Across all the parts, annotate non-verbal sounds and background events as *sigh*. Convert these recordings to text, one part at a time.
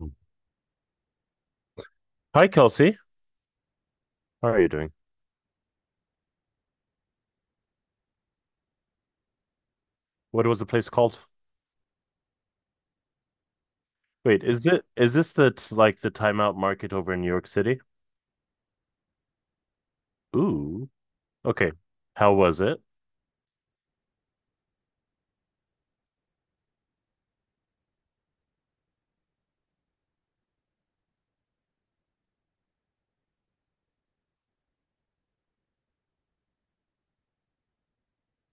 Mm. Hi, Kelsey. How are you doing? What was the place called? Wait, is it is this the like the timeout market over in New York City? Ooh. Okay. How was it?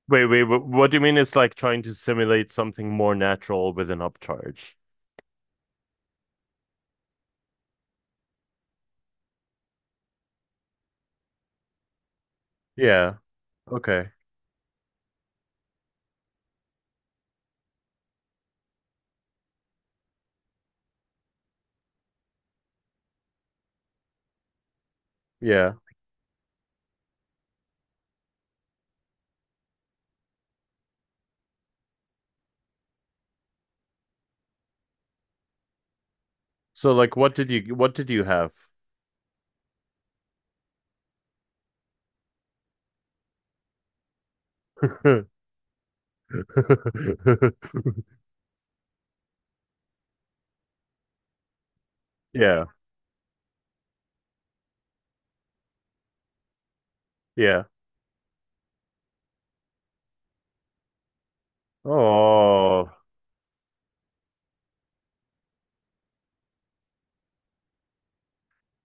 What do you mean it's like trying to simulate something more natural with an upcharge? Yeah. Okay. Yeah. So like what did you have? *laughs* Yeah. Yeah. Oh.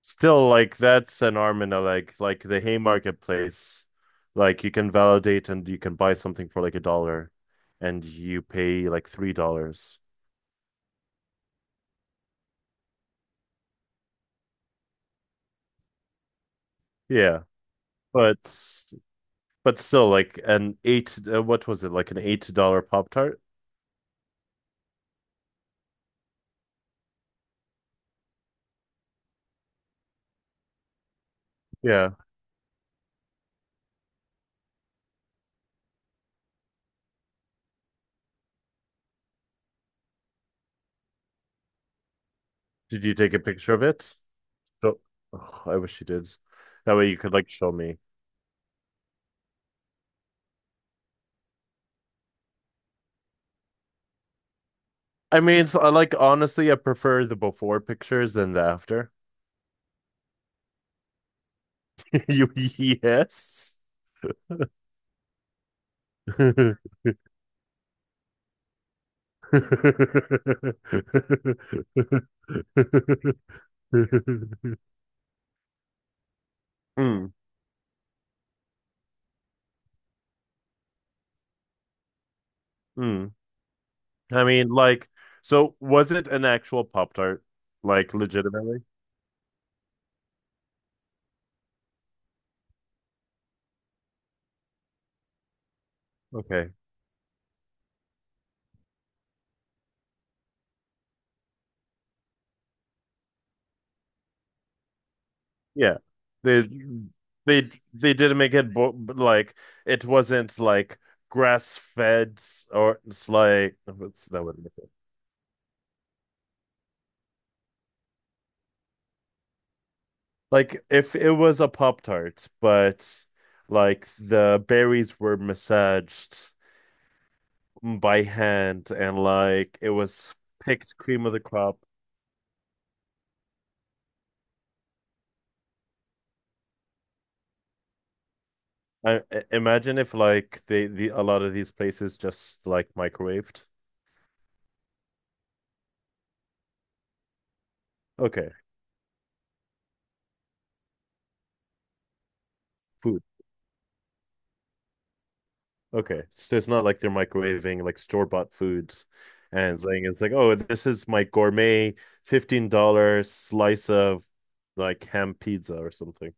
Still, like that's an arm and a leg. Like the Haymarket place, like you can validate and you can buy something for like a dollar, and you pay like $3. Yeah, but but still, like an eight. What was it? Like an $8 Pop Tart? Yeah. Did you take a picture of it? No. Oh, I wish you did. That way you could like show me. I mean, so, like honestly, I prefer the before pictures than the after. *laughs* You yes. *laughs* *laughs* Mm, mm. I mean, like, so was it an actual Pop Tart? Like, legitimately? Okay. Yeah. They they didn't make it bo like it wasn't like grass fed or it's like what's that wouldn't make it. Like if it was a Pop Tart, but like the berries were massaged by hand and like it was picked cream of the crop. Imagine if like the a lot of these places just like microwaved. Okay, food. Okay, so it's not like they're microwaving like store-bought foods and saying it's like, oh, this is my gourmet $15 slice of like ham pizza or something.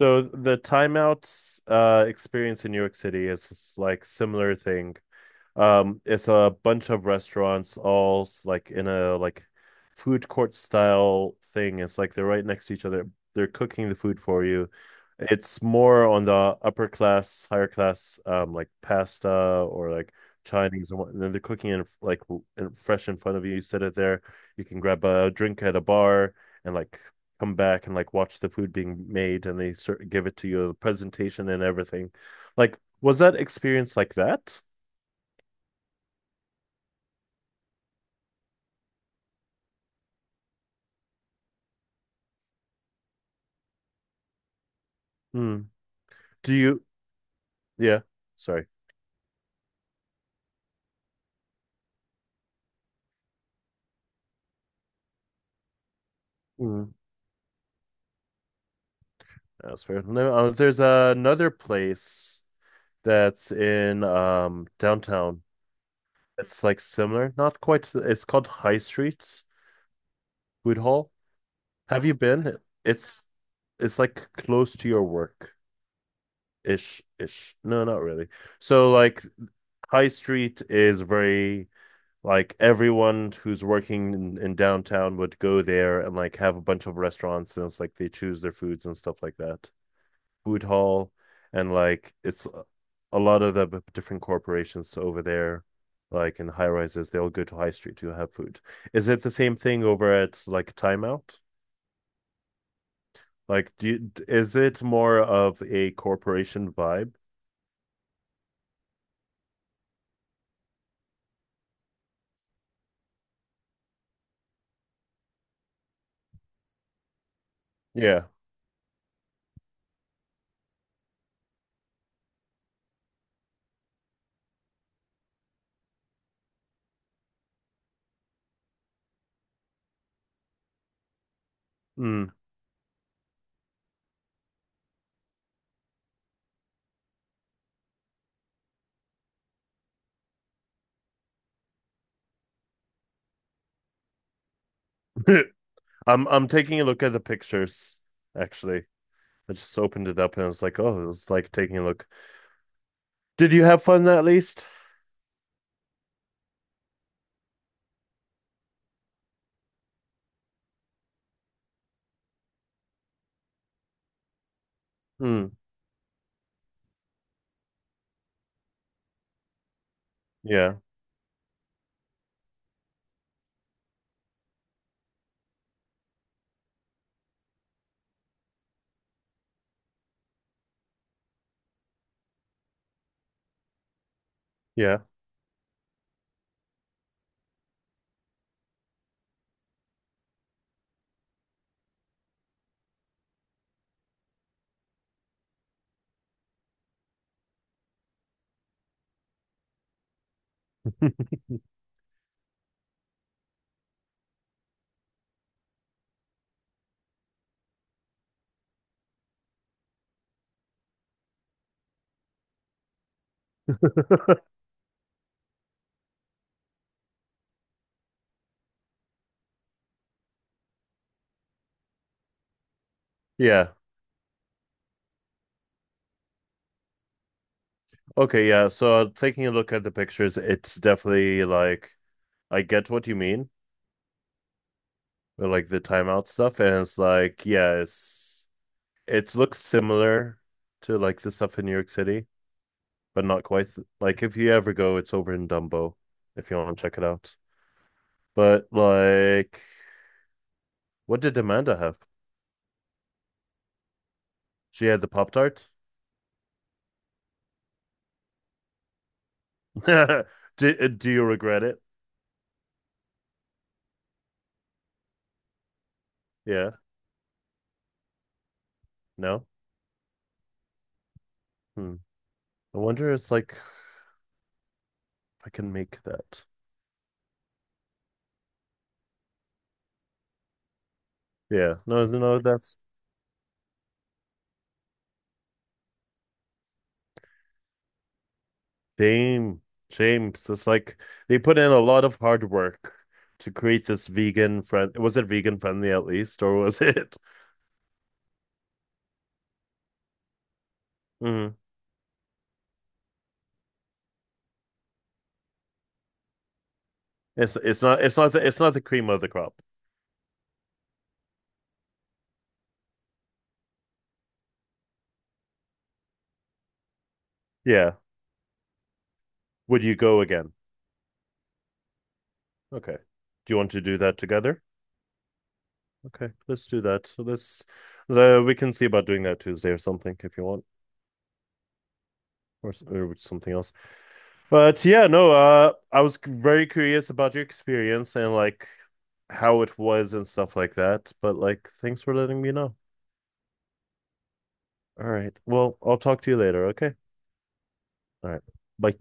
So the timeouts experience in New York City is like similar thing. It's a bunch of restaurants like in a like food court style thing. It's like they're right next to each other. They're cooking the food for you. It's more on the upper class, higher class, like pasta or like Chinese and what. And then they're cooking it like fresh in front of you. You sit it there. You can grab a drink at a bar and like come back and like watch the food being made, and they sort give it to you, the presentation and everything. Like, was that experience like that? Hmm. Do you? Yeah, sorry. Mhm. That's fair. No, there's another place that's in downtown. It's like similar, not quite. It's called High Street Food Hall. Have you been? It's it's like close to your work ish ish. No, not really. So like High Street is very like everyone who's working in downtown would go there and like have a bunch of restaurants and it's like they choose their foods and stuff like that. Food hall, and like it's a lot of the different corporations over there like in high rises, they all go to high street to have food. Is it the same thing over at like timeout? Like is it more of a corporation vibe? Yeah. Mm. *laughs* I'm taking a look at the pictures, actually. I just opened it up and I was like, oh, it's like taking a look. Did you have fun at least? Mm. Yeah, yeah. *laughs* Yeah. Okay, yeah. So taking a look at the pictures, it's definitely like I get what you mean, with, like the timeout stuff, and it's like yeah, it's it looks similar to like the stuff in New York City, but not quite. Like if you ever go, it's over in Dumbo, if you want to check it out. But like, what did Amanda have? She had the Pop Tart. *laughs* Do do you regret it? Yeah. No. Hmm. I wonder. It's like if I can make that. Yeah. No. No. That's Same, James. It's just like they put in a lot of hard work to create this vegan friend. Was it vegan friendly at least, or was it? *laughs* Mhm. It's not the cream of the crop. Yeah. Would you go again? Okay. Do you want to do that together? Okay, let's do that. So let's we can see about doing that Tuesday or something if you want, or or something else. But yeah, no. Very curious about your experience and like how it was and stuff like that. But like, thanks for letting me know. All right. Well, I'll talk to you later, okay? All right. Bye.